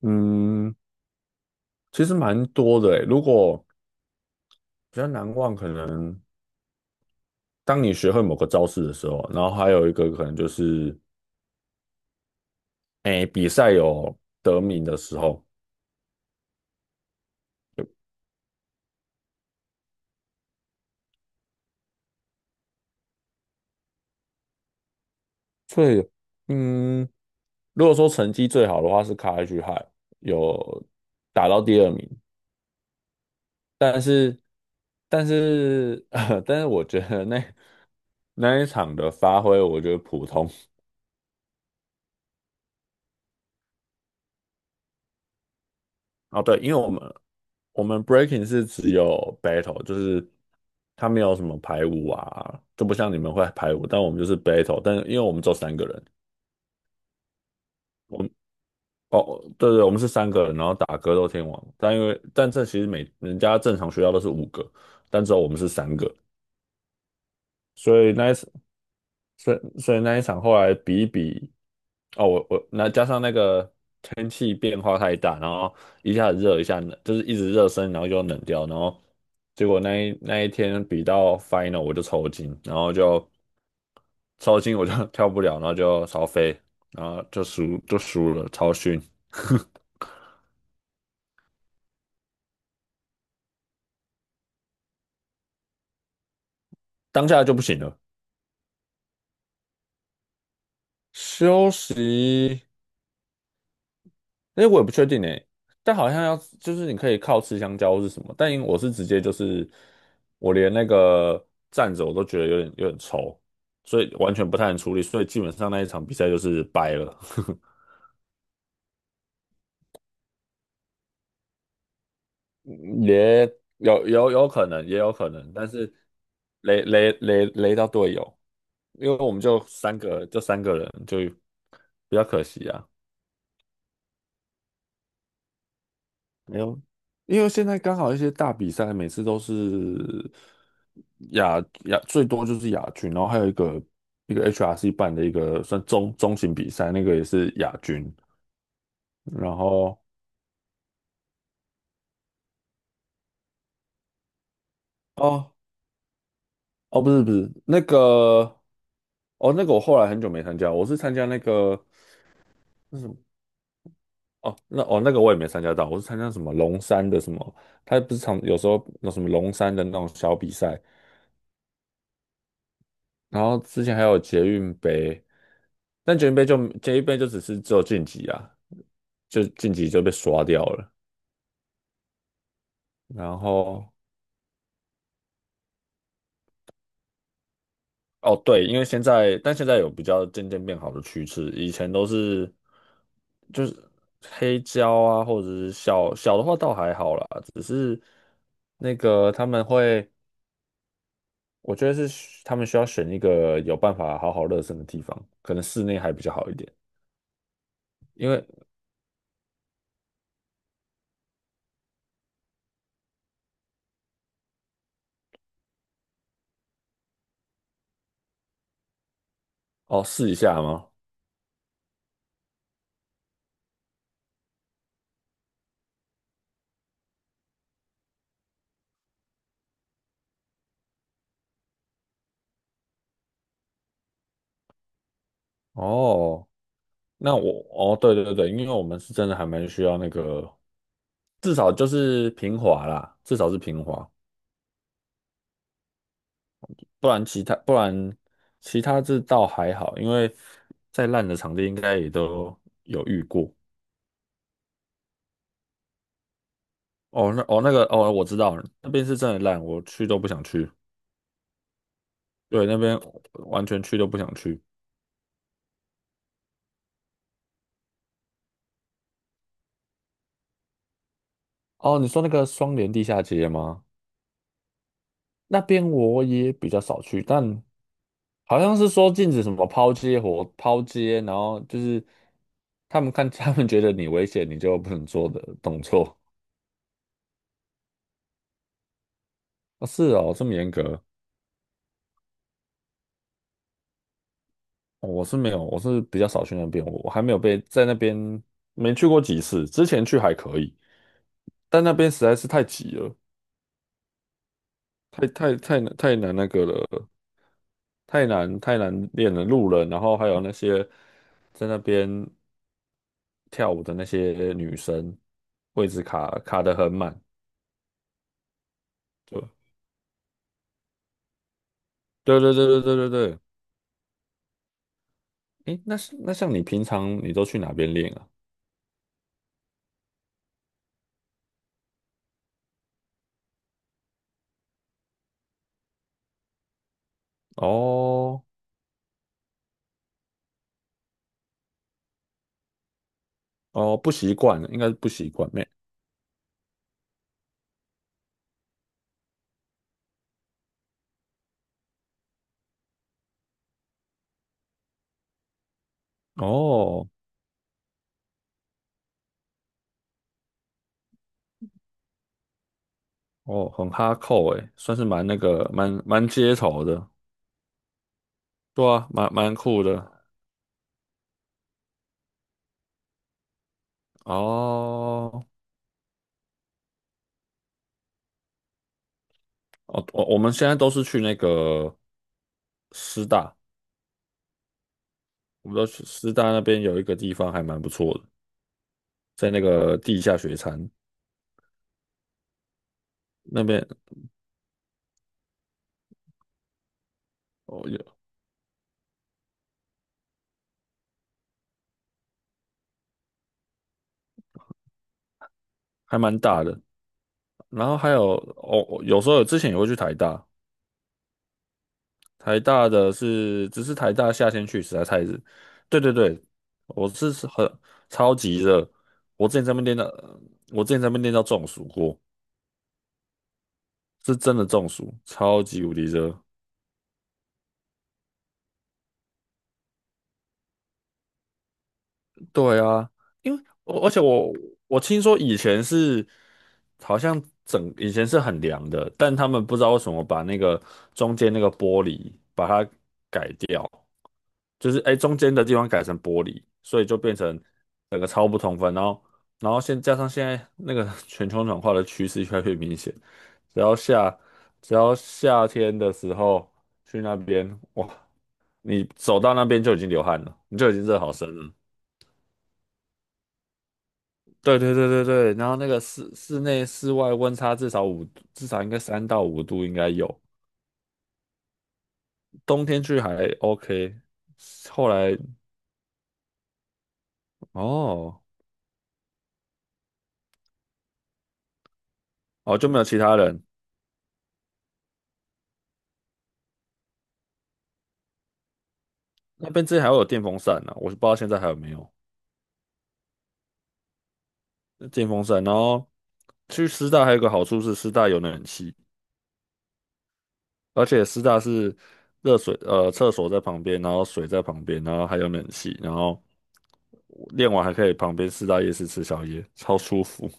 嗯，其实蛮多的诶。如果比较难忘，可能当你学会某个招式的时候，然后还有一个可能就是，诶，比赛有得名的时候。最，嗯，如果说成绩最好的话是卡 h h i 有打到第二名。但是，但是，但是我觉得那一场的发挥，我觉得普通。哦，对，因为我们 breaking 是只有 battle，就是它没有什么排舞啊，就不像你们会排舞，但我们就是 battle。但是因为我们只有三个人，我们哦，对对，我们是三个人，然后打格斗天王，但因为但这其实每人家正常学校都是五个，但只有我们是三个。所以那一次所以那一场后来比一比，哦，我那加上那个天气变化太大，然后一下子热一下冷，就是一直热身，然后就冷掉，然后结果那一天比到 final 我就抽筋，然后就抽筋我就 跳不了，然后就超飞，然后就输了，超逊。当下就不行了，休息。那我也不确定诶，但好像要就是你可以靠吃香蕉或是什么，但因为我是直接我连那个站着我都觉得有点抽，所以完全不太能处理，所以基本上那一场比赛就是掰了。也有可能，但是雷到队友，因为我们就三个人就比较可惜啊。没有，因为现在刚好一些大比赛每次都是亚亚最多就是亚军，然后还有一个一个 HRC 办的一个算中型比赛，那个也是亚军。然后哦哦不是不是那个，哦那个我后来很久没参加，我是参加那个。那什么哦那个我也没参加到，我是参加什么龙山的什么，他不是常有时候有什么龙山的那种小比赛。然后之前还有捷运杯，但捷运杯就只有晋级啊，就晋级就被刷掉了。然后哦对，因为现在有比较渐渐变好的趋势，以前都是就是黑胶啊，或者是小小的话倒还好啦，只是那个他们会，我觉得是他们需要选一个有办法好好热身的地方，可能室内还比较好一点，因为哦试一下吗？哦。哦，对对对，因为我们是真的还蛮需要那个，至少就是平滑啦，至少是平滑。不然其他这倒还好，因为再烂的场地应该也都有遇过。哦，那个，哦，我知道了，那边是真的烂，我去都不想去。对，那边完全去都不想去。哦，你说那个双联地下街吗？那边我也比较少去，但好像是说禁止什么抛接，然后就是他们看 他们觉得你危险，你就不能做的动作。啊，是哦，这么严格。哦我是没有，我是比较少去那边，我还没有被在那边没去过几次，之前去还可以，但那边实在是太挤了。太难那个了，太难练了路人，然后还有那些在那边跳舞的那些女生，位置卡卡得很满。对对对对对对对。诶，那是那像你平常你都去哪边练啊？哦哦，不习惯，应该是不习惯没。哦哦，很哈扣诶，算是蛮那个蛮街头的。对啊，蛮酷的。哦哦，我们现在都是去那个师大，我们都去师大那边有一个地方还蛮不错的，在那个地下雪山那边。哦，有还蛮大的。然后还有哦，有时候之前也会去台大。台大的是，只是台大夏天去实在太热。对对对，我是是超级热。我之前在那边练到，我之前在那边练到中暑过，是真的中暑，超级无敌热。对啊，因为我而且我我听说以前是好像整以前是很凉的，但他们不知道为什么把那个中间那个玻璃把它中间的地方改成玻璃，所以就变成整个超不通风。然后，然后加上现在那个 全球暖化的趋势越来越明显。只要夏只要夏天的时候去那边，哇，你走到那边就已经流汗了，你就已经热好深了。对对对对对，然后那个室内室外温差至少五，至少应该三到五度应该有。冬天去还 OK，后来哦，哦就没有其他人。那边之前还会有电风扇呢、我是不知道现在还有没有电风扇。然后去师大还有一个好处是师大有冷气。而且师大是热水，厕所在旁边，然后水在旁边，然后还有冷气，然后练完还可以旁边师大夜市吃宵夜，超舒服。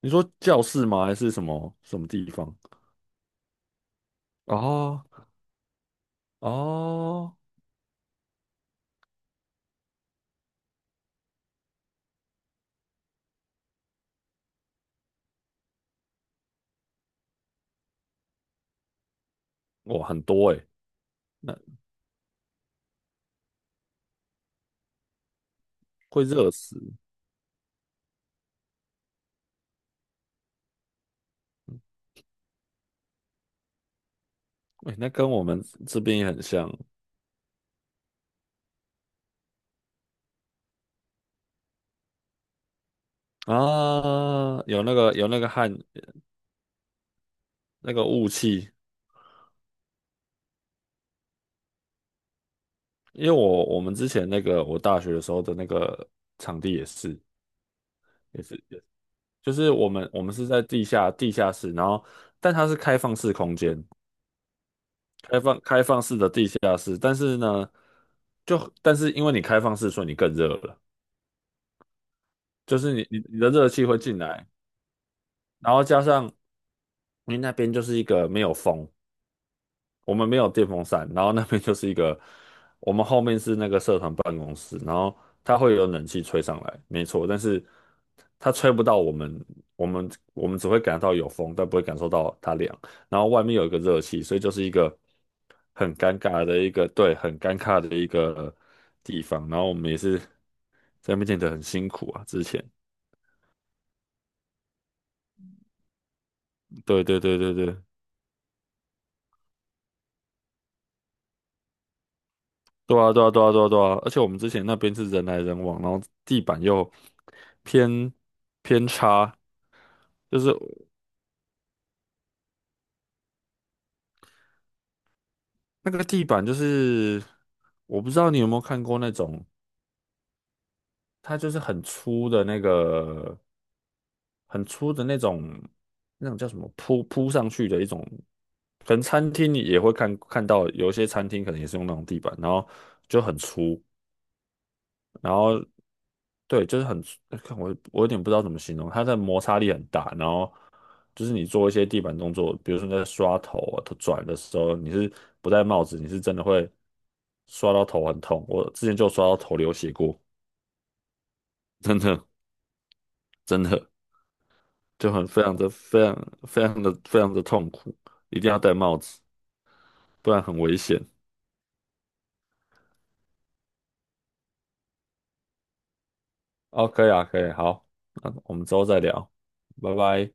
你说教室吗？还是什么什么地方？哦哦，哇，很多诶、那会热死。哎、那跟我们这边也很像啊，有那个汗，那个雾气。因为我们之前那个我大学的时候的那个场地也是就是我们是在地下室，然后但它是开放式空间，开放式的地下室。但是呢，但是因为你开放式，所以你更热了，就是你的热气会进来，然后加上你那边就是一个没有风，我们没有电风扇，然后那边就是一个，我们后面是那个社团办公室，然后它会有冷气吹上来，没错，但是它吹不到我们，我们只会感到有风，但不会感受到它凉。然后外面有一个热气，所以就是一个很尴尬的一个，对，很尴尬的一个地方。然后我们也是在那边练得很辛苦啊，之前，对对对对对，对啊，对啊，对啊，对啊，对啊，而且我们之前那边是人来人往，然后地板又偏偏差，就是那个地板就是，我不知道你有没有看过那种，它就是很粗的那个，很粗的那种那种叫什么铺上去的一种，可能餐厅也会看到有一些餐厅可能也是用那种地板，然后就很粗，然后对，就是很，看我有点不知道怎么形容。它的摩擦力很大，然后就是你做一些地板动作，比如说你在刷头啊、头转的时候，你是不戴帽子，你是真的会刷到头很痛。我之前就刷到头流血过，真的真的就很非常的非常的痛苦，一定要戴帽子，不然很危险。哦，可以啊，可以，好，那我们之后再聊，拜拜。